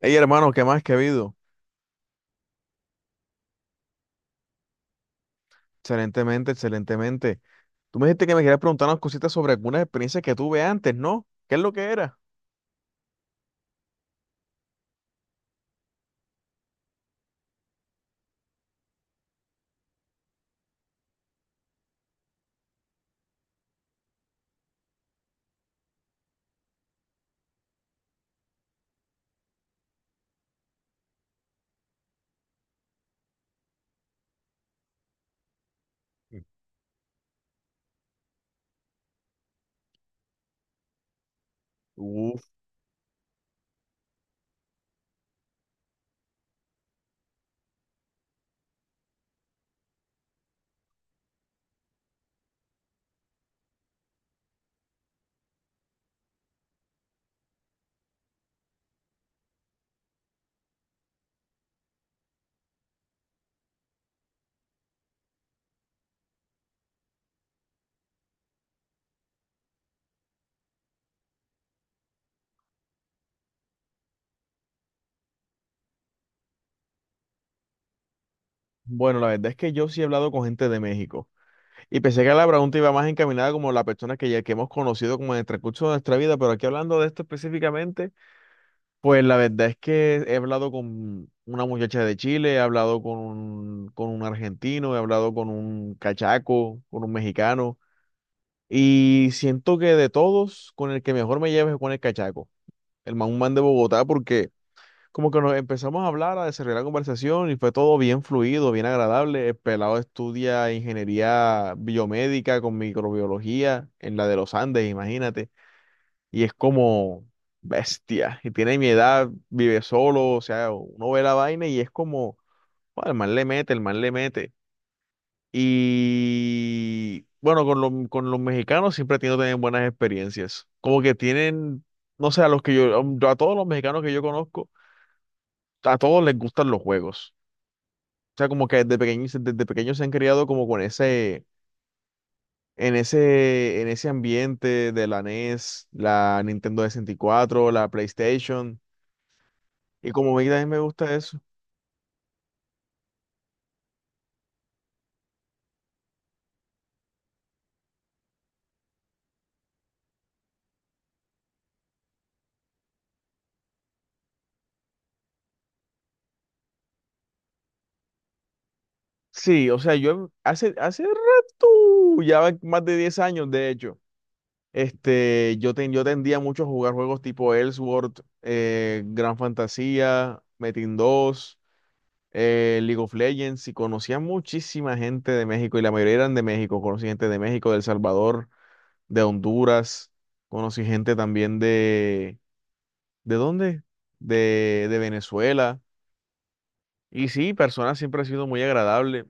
Hey hermano, ¿qué más que ha habido? Excelentemente, excelentemente. Tú me dijiste que me querías preguntar unas cositas sobre algunas experiencias que tuve antes, ¿no? ¿Qué es lo que era? Uf, bueno, la verdad es que yo sí he hablado con gente de México y pensé que la pregunta iba más encaminada como la persona que ya que hemos conocido como en el transcurso de nuestra vida, pero aquí hablando de esto específicamente, pues la verdad es que he hablado con una muchacha de Chile, he hablado con un argentino, he hablado con un cachaco, con un mexicano. Y siento que de todos, con el que mejor me llevo es con el cachaco, el man, un man de Bogotá, porque como que nos empezamos a hablar, a desarrollar la conversación y fue todo bien fluido, bien agradable. El pelado estudia ingeniería biomédica con microbiología en la de los Andes, imagínate. Y es como bestia. Y tiene mi edad, vive solo, o sea, uno ve la vaina y es como, "Joder, el man le mete, el man le mete". Y bueno, con los mexicanos siempre he tenido también buenas experiencias. Como que tienen, no sé, a todos los mexicanos que yo conozco, a todos les gustan los juegos. O sea, como que desde pequeños se han criado como con ese, en ese, en ese ambiente de la NES, la Nintendo 64 la PlayStation. Y como a mí también me gusta eso. Sí, o sea, yo hace rato, ya va más de 10 años, de hecho. Este, yo tendía mucho a jugar juegos tipo Ellsworth, Gran Fantasía, Metin 2, League of Legends, y conocía muchísima gente de México, y la mayoría eran de México. Conocí gente de México, de El Salvador, de Honduras, conocí gente también de... ¿De dónde? De Venezuela. Y sí, personas siempre ha sido muy agradable.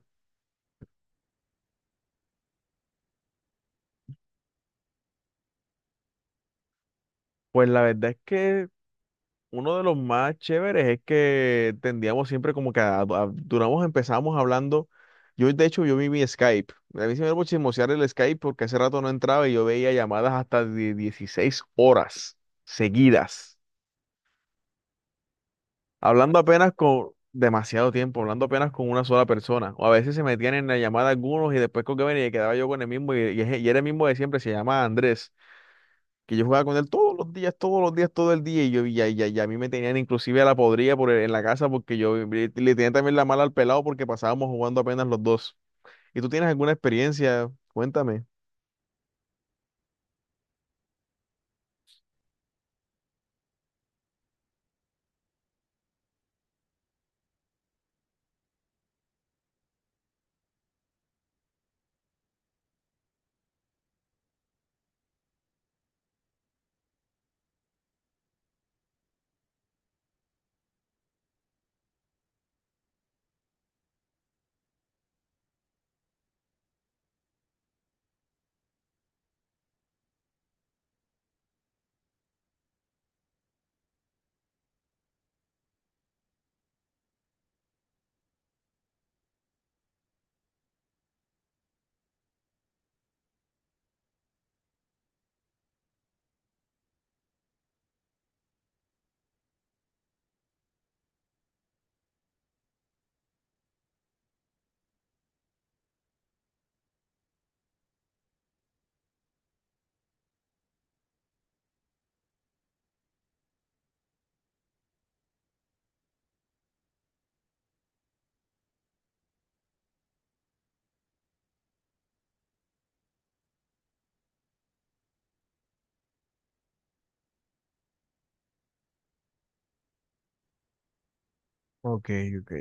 Pues la verdad es que uno de los más chéveres es que tendíamos siempre como que duramos, empezamos hablando. Yo, de hecho, yo vi mi Skype. A mí se me iba a chismosear el Skype porque hace rato no entraba y yo veía llamadas hasta de 16 horas seguidas. Hablando apenas con demasiado tiempo, hablando apenas con una sola persona. O a veces se metían en la llamada algunos y después con que venía y quedaba yo con el mismo y era el mismo de siempre, se llama Andrés, que yo jugaba con él todos los días, todo el día, y yo ya a mí me tenían inclusive a la podrida en la casa porque yo le tenía también la mala al pelado porque pasábamos jugando apenas los dos. ¿Y tú tienes alguna experiencia? Cuéntame. Ok, ok.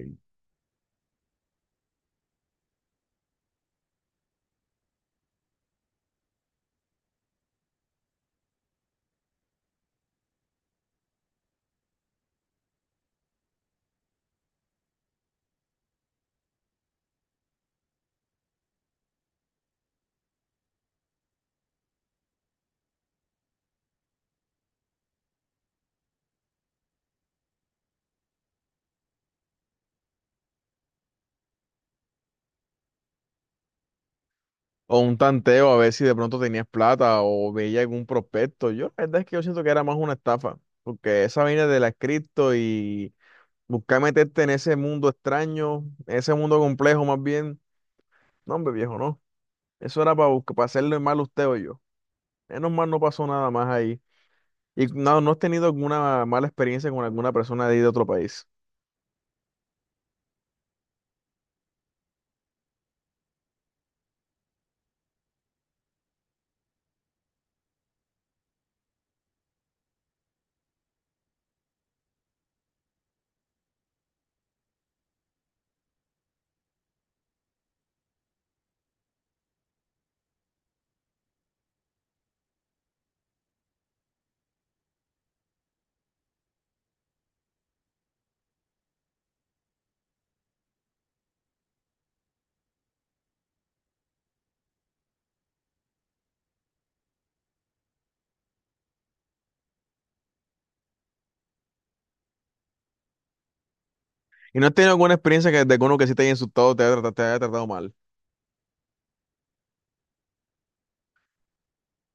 O un tanteo a ver si de pronto tenías plata o veía algún prospecto. Yo la verdad es que yo siento que era más una estafa, porque esa vaina de la cripto y buscar meterte en ese mundo extraño, ese mundo complejo más bien, no, hombre viejo, no. Eso era para hacerle mal a usted o yo. Menos mal no pasó nada más ahí. Y no has tenido alguna mala experiencia con alguna persona de ahí de otro país. Y no has tenido alguna experiencia que, de alguno que sí te haya insultado, te haya tratado mal.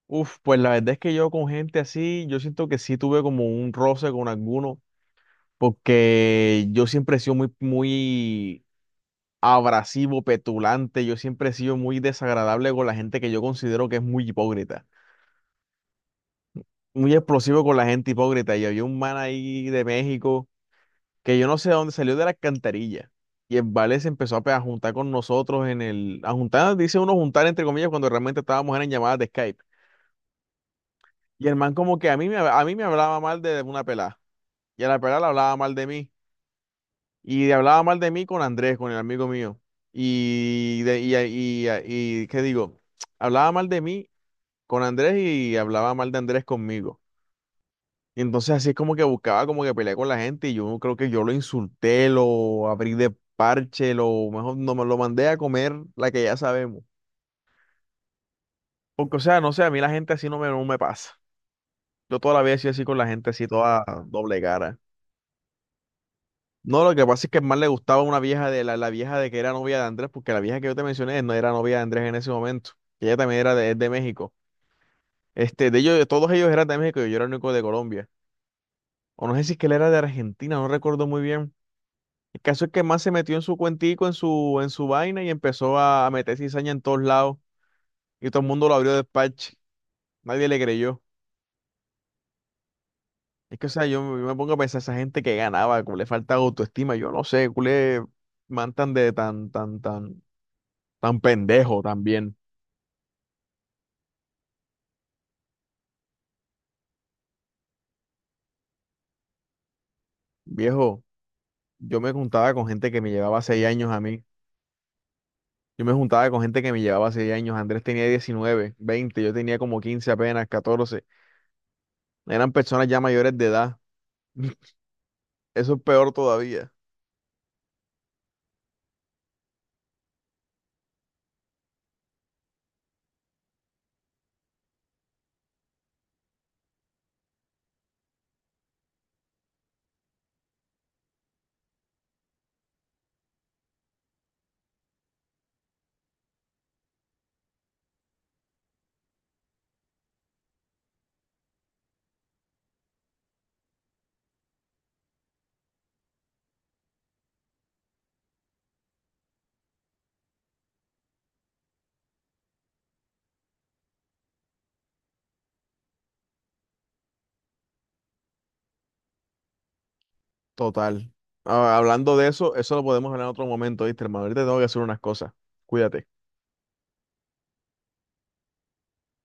Uf, pues la verdad es que yo con gente así, yo siento que sí tuve como un roce con alguno, porque yo siempre he sido muy, muy abrasivo, petulante, yo siempre he sido muy desagradable con la gente que yo considero que es muy hipócrita, muy explosivo con la gente hipócrita. Y había un man ahí de México, que yo no sé de dónde salió de la alcantarilla. Y el Vale se empezó a juntar con nosotros en el... A juntar, dice uno juntar entre comillas, cuando realmente estábamos eran en llamadas de Skype. Y el man como que a mí me hablaba mal de una pelada. Y a la pelada le hablaba mal de mí. Y le hablaba mal de mí con Andrés, con el amigo mío. Y, de, y- ¿Qué digo? Hablaba mal de mí con Andrés y hablaba mal de Andrés conmigo. Y entonces así es como que buscaba como que pelear con la gente y yo creo que yo lo insulté, lo abrí de parche, lo mejor no me lo mandé a comer la que ya sabemos. Porque o sea, no sé, a mí la gente así no me pasa. Yo toda la vida he sido así con la gente así toda doble cara. No, lo que pasa es que más le gustaba una vieja de la vieja de que era novia de Andrés, porque la vieja que yo te mencioné no era novia de Andrés en ese momento. Ella también era de, es de México. Este, de todos ellos eran de México y yo era el único de Colombia. O no sé si es que él era de Argentina, no recuerdo muy bien. El caso es que más se metió en su cuentico, en su vaina y empezó a meter cizaña en todos lados. Y todo el mundo lo abrió de parche. Nadie le creyó. Es que, o sea, yo me pongo a pensar, esa gente que ganaba, como le falta autoestima, yo no sé, culé, man tan de tan, tan, tan, tan pendejo también. Viejo, yo me juntaba con gente que me llevaba 6 años a mí. Yo me juntaba con gente que me llevaba seis años. Andrés tenía 19, 20, yo tenía como 15 apenas, 14. Eran personas ya mayores de edad. Eso es peor todavía. Total. Ah, hablando de eso, eso lo podemos hablar en otro momento, ¿viste, hermano? Ahorita tengo que hacer unas cosas. Cuídate.